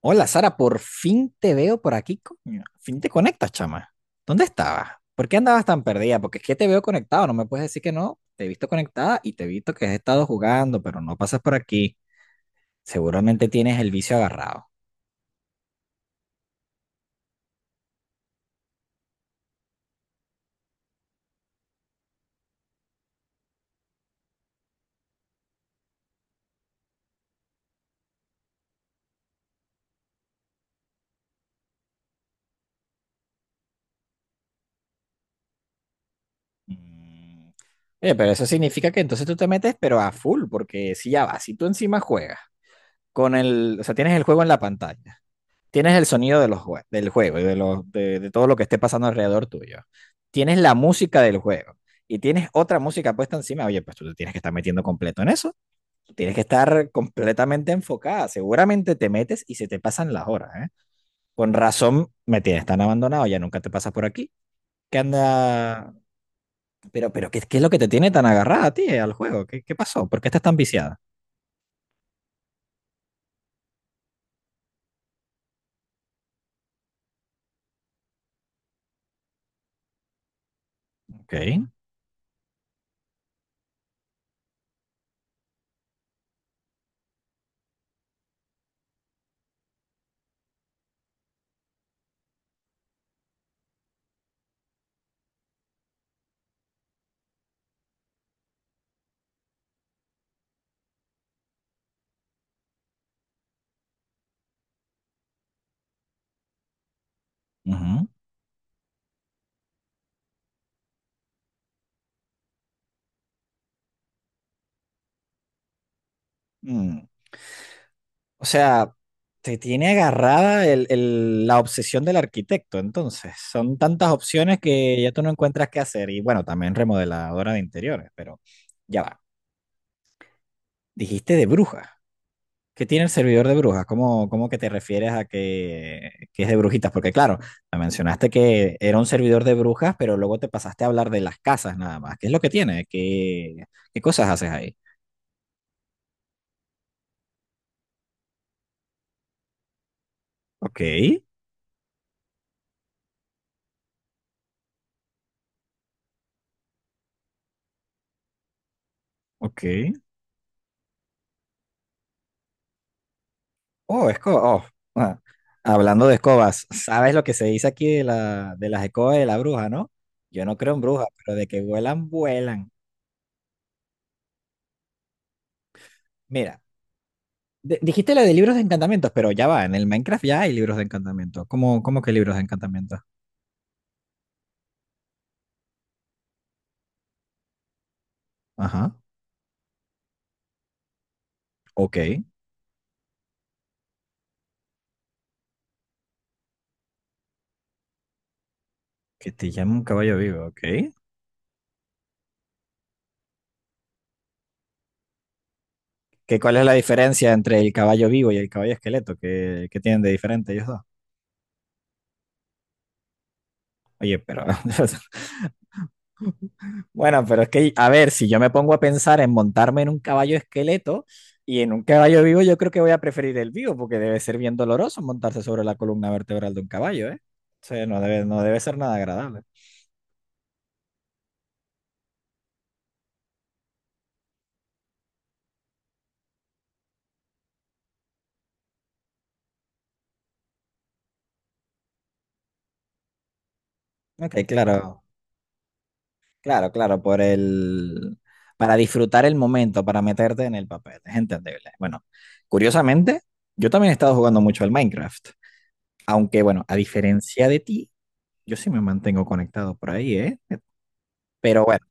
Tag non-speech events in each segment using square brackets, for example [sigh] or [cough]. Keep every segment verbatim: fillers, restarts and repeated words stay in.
Hola Sara, por fin te veo por aquí, coño. Fin te conectas, chama. ¿Dónde estabas? ¿Por qué andabas tan perdida? Porque es que te veo conectado, no me puedes decir que no. Te he visto conectada y te he visto que has estado jugando, pero no pasas por aquí. Seguramente tienes el vicio agarrado. Mm. Oye, pero eso significa que entonces tú te metes, pero a full, porque si ya vas, si tú encima juegas con el, o sea, tienes el juego en la pantalla. Tienes el sonido de los jue- del juego y de, los, de, de todo lo que esté pasando alrededor tuyo. Tienes la música del juego y tienes otra música puesta encima. Oye, pues tú te tienes que estar metiendo completo en eso. Tienes que estar completamente enfocada. Seguramente te metes y se te pasan las horas, ¿eh? Con razón me tienes tan abandonado, ya nunca te pasas por aquí. ¿Qué anda? Pero, pero ¿qué, qué es lo que te tiene tan agarrada a ti, eh, al juego? ¿Qué, qué pasó? ¿Por qué estás tan viciada? Ok. Ujú. Mm. O sea, te tiene agarrada el- el- la obsesión del arquitecto, entonces. Son tantas opciones que ya tú no encuentras qué hacer. Y bueno, también remodeladora de interiores, pero ya va. Dijiste de brujas. ¿Qué tiene el servidor de brujas? ¿Cómo, cómo que te refieres a que, que es de brujitas? Porque claro, me mencionaste que era un servidor de brujas, pero luego te pasaste a hablar de las casas nada más. ¿Qué es lo que tiene? ¿Qué qué cosas haces ahí? Ok, ok. Oh, escoba. Oh, ah. Hablando de escobas, ¿sabes lo que se dice aquí de, la, de las escobas de la bruja, no? Yo no creo en brujas, pero de que vuelan, vuelan. Mira, de- dijiste lo de libros de encantamientos, pero ya va, en el Minecraft ya hay libros de encantamiento. ¿Cómo, cómo que libros de encantamiento? Ajá, ok. Que te llama un caballo vivo, ok. ¿Que cuál es la diferencia entre el caballo vivo y el caballo esqueleto? ¿Qué, ¿qué tienen de diferente ellos dos? Oye, pero [laughs] bueno, pero es que, a ver, si yo me pongo a pensar en montarme en un caballo esqueleto y en un caballo vivo, yo creo que voy a preferir el vivo, porque debe ser bien doloroso montarse sobre la columna vertebral de un caballo, ¿eh? O sea, no debe, no debe ser nada agradable. Ok, claro, claro, claro, por el... para disfrutar el momento, para meterte en el papel, es entendible. Bueno, curiosamente, yo también he estado jugando mucho al Minecraft, aunque bueno, a diferencia de ti, yo sí me mantengo conectado por ahí, ¿eh? Pero bueno.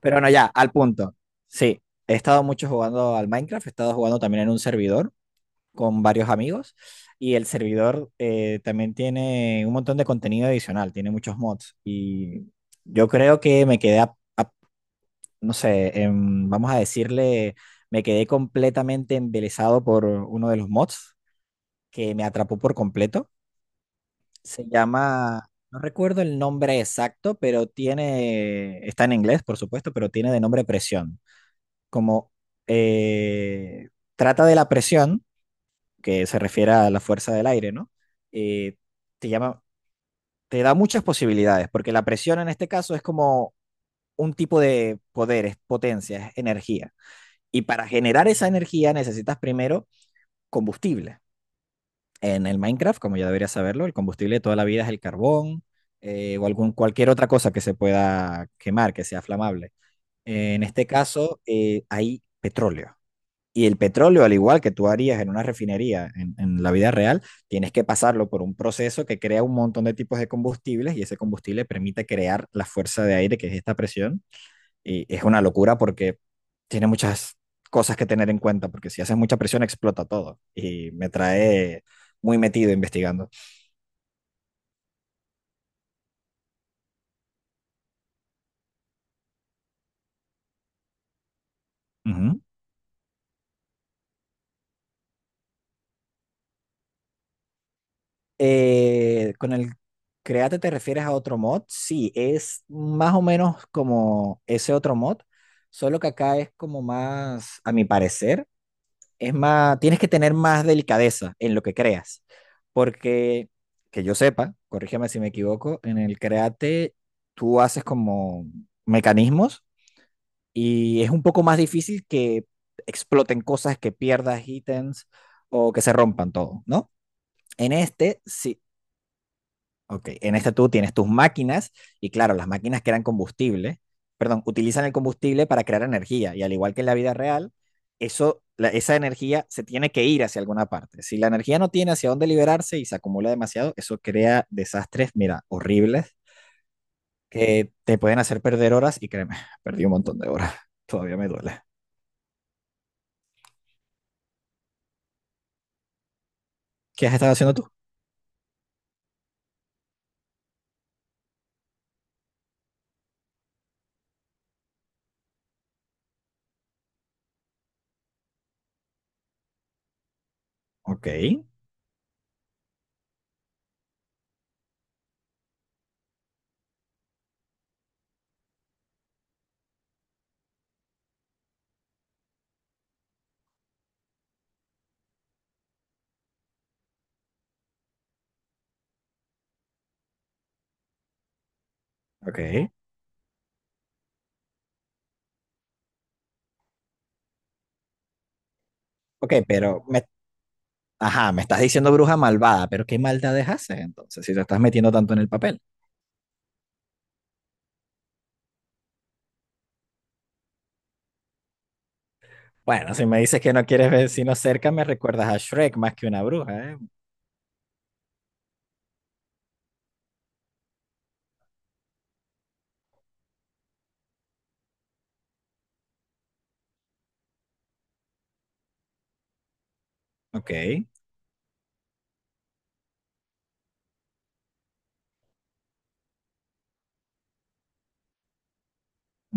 Pero bueno, ya, al punto. Sí, he estado mucho jugando al Minecraft, he estado jugando también en un servidor con varios amigos y el servidor eh, también tiene un montón de contenido adicional, tiene muchos mods y yo creo que me quedé, a- a- no sé, em, vamos a decirle, me quedé completamente embelesado por uno de los mods que me atrapó por completo. Se llama, no recuerdo el nombre exacto, pero tiene, está en inglés, por supuesto, pero tiene de nombre presión como eh, trata de la presión, que se refiere a la fuerza del aire, ¿no? Eh, te llama, te da muchas posibilidades, porque la presión en este caso es como un tipo de poder, es potencia, es energía. Y para generar esa energía necesitas primero combustible. En el Minecraft, como ya deberías saberlo, el combustible de toda la vida es el carbón eh, o algún, cualquier otra cosa que se pueda quemar, que sea flamable. En este caso, eh, hay petróleo. Y el petróleo, al igual que tú harías en una refinería en, en, la vida real, tienes que pasarlo por un proceso que crea un montón de tipos de combustibles y ese combustible permite crear la fuerza de aire, que es esta presión. Y es una locura porque tiene muchas cosas que tener en cuenta, porque si haces mucha presión explota todo. Y me trae muy metido investigando. Uh -huh. Eh, con el Create te refieres a otro mod. Sí, es más o menos como ese otro mod, solo que acá es como más, a mi parecer, es más, tienes que tener más delicadeza en lo que creas, porque que yo sepa, corrígeme si me equivoco, en el Create tú haces como mecanismos y es un poco más difícil que exploten cosas, que pierdas ítems o que se rompan todo, ¿no? En este, sí, ok, en este tú tienes tus máquinas y claro, las máquinas crean combustible, perdón, utilizan el combustible para crear energía y al igual que en la vida real, eso, la- esa energía se tiene que ir hacia alguna parte. Si la energía no tiene hacia dónde liberarse y se acumula demasiado, eso crea desastres, mira, horribles que te pueden hacer perder horas y créeme, [laughs] perdí un montón de horas, [laughs] todavía me duele. ¿Qué has estado haciendo tú? Ok, ok, ok, pero me, ajá, me estás diciendo bruja malvada, pero ¿qué maldades haces entonces si te estás metiendo tanto en el papel? Bueno, si me dices que no quieres vecinos cerca, me recuerdas a Shrek más que una bruja, ¿eh? Ok.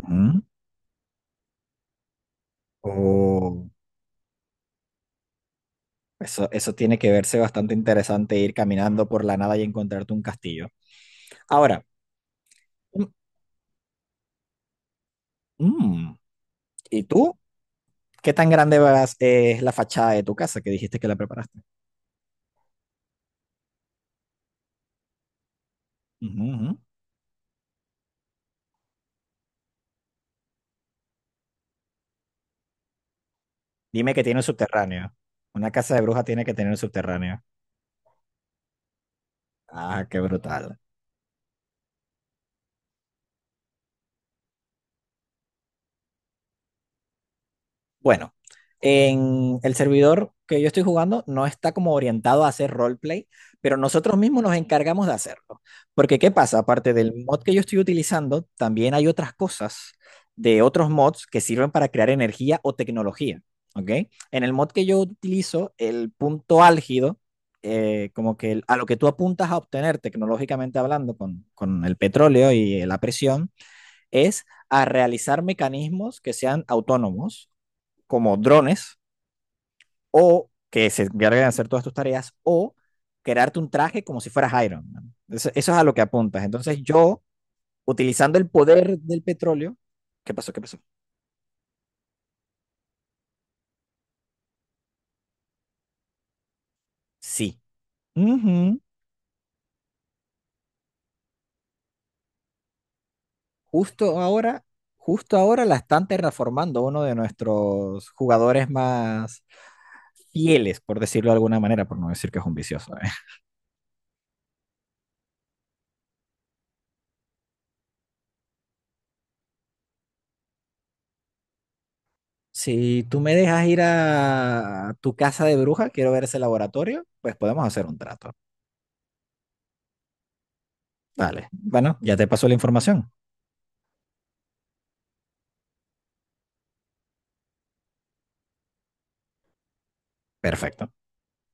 Ujú. Oh, eso, eso tiene que verse bastante interesante ir caminando por la nada y encontrarte un castillo. Ahora, mm, mm, ¿y tú? ¿Qué tan grande vas- es la fachada de tu casa que dijiste que la preparaste? Ujú, ujú. Dime que tiene un subterráneo. Una casa de bruja tiene que tener un subterráneo. Ah, qué brutal. Bueno, en el servidor que yo estoy jugando no está como orientado a hacer roleplay, pero nosotros mismos nos encargamos de hacerlo. Porque ¿qué pasa? Aparte del mod que yo estoy utilizando, también hay otras cosas de otros mods que sirven para crear energía o tecnología, ¿ok? En el mod que yo utilizo, el punto álgido, eh, como que el- a lo que tú apuntas a obtener tecnológicamente hablando con, con el petróleo y la presión, es a realizar mecanismos que sean autónomos como drones o que se encarguen de hacer todas tus tareas o crearte un traje como si fueras Iron Man. Eso, eso es a lo que apuntas. Entonces yo, utilizando el poder del petróleo, ¿qué pasó? ¿Qué pasó? Sí. Ujú. Justo ahora, justo ahora la están terraformando uno de nuestros jugadores más fieles, por decirlo de alguna manera, por no decir que es un vicioso, ¿eh? Si tú me dejas ir a tu casa de bruja, quiero ver ese laboratorio, pues podemos hacer un trato. Vale. Bueno, ya te pasó la información. Perfecto.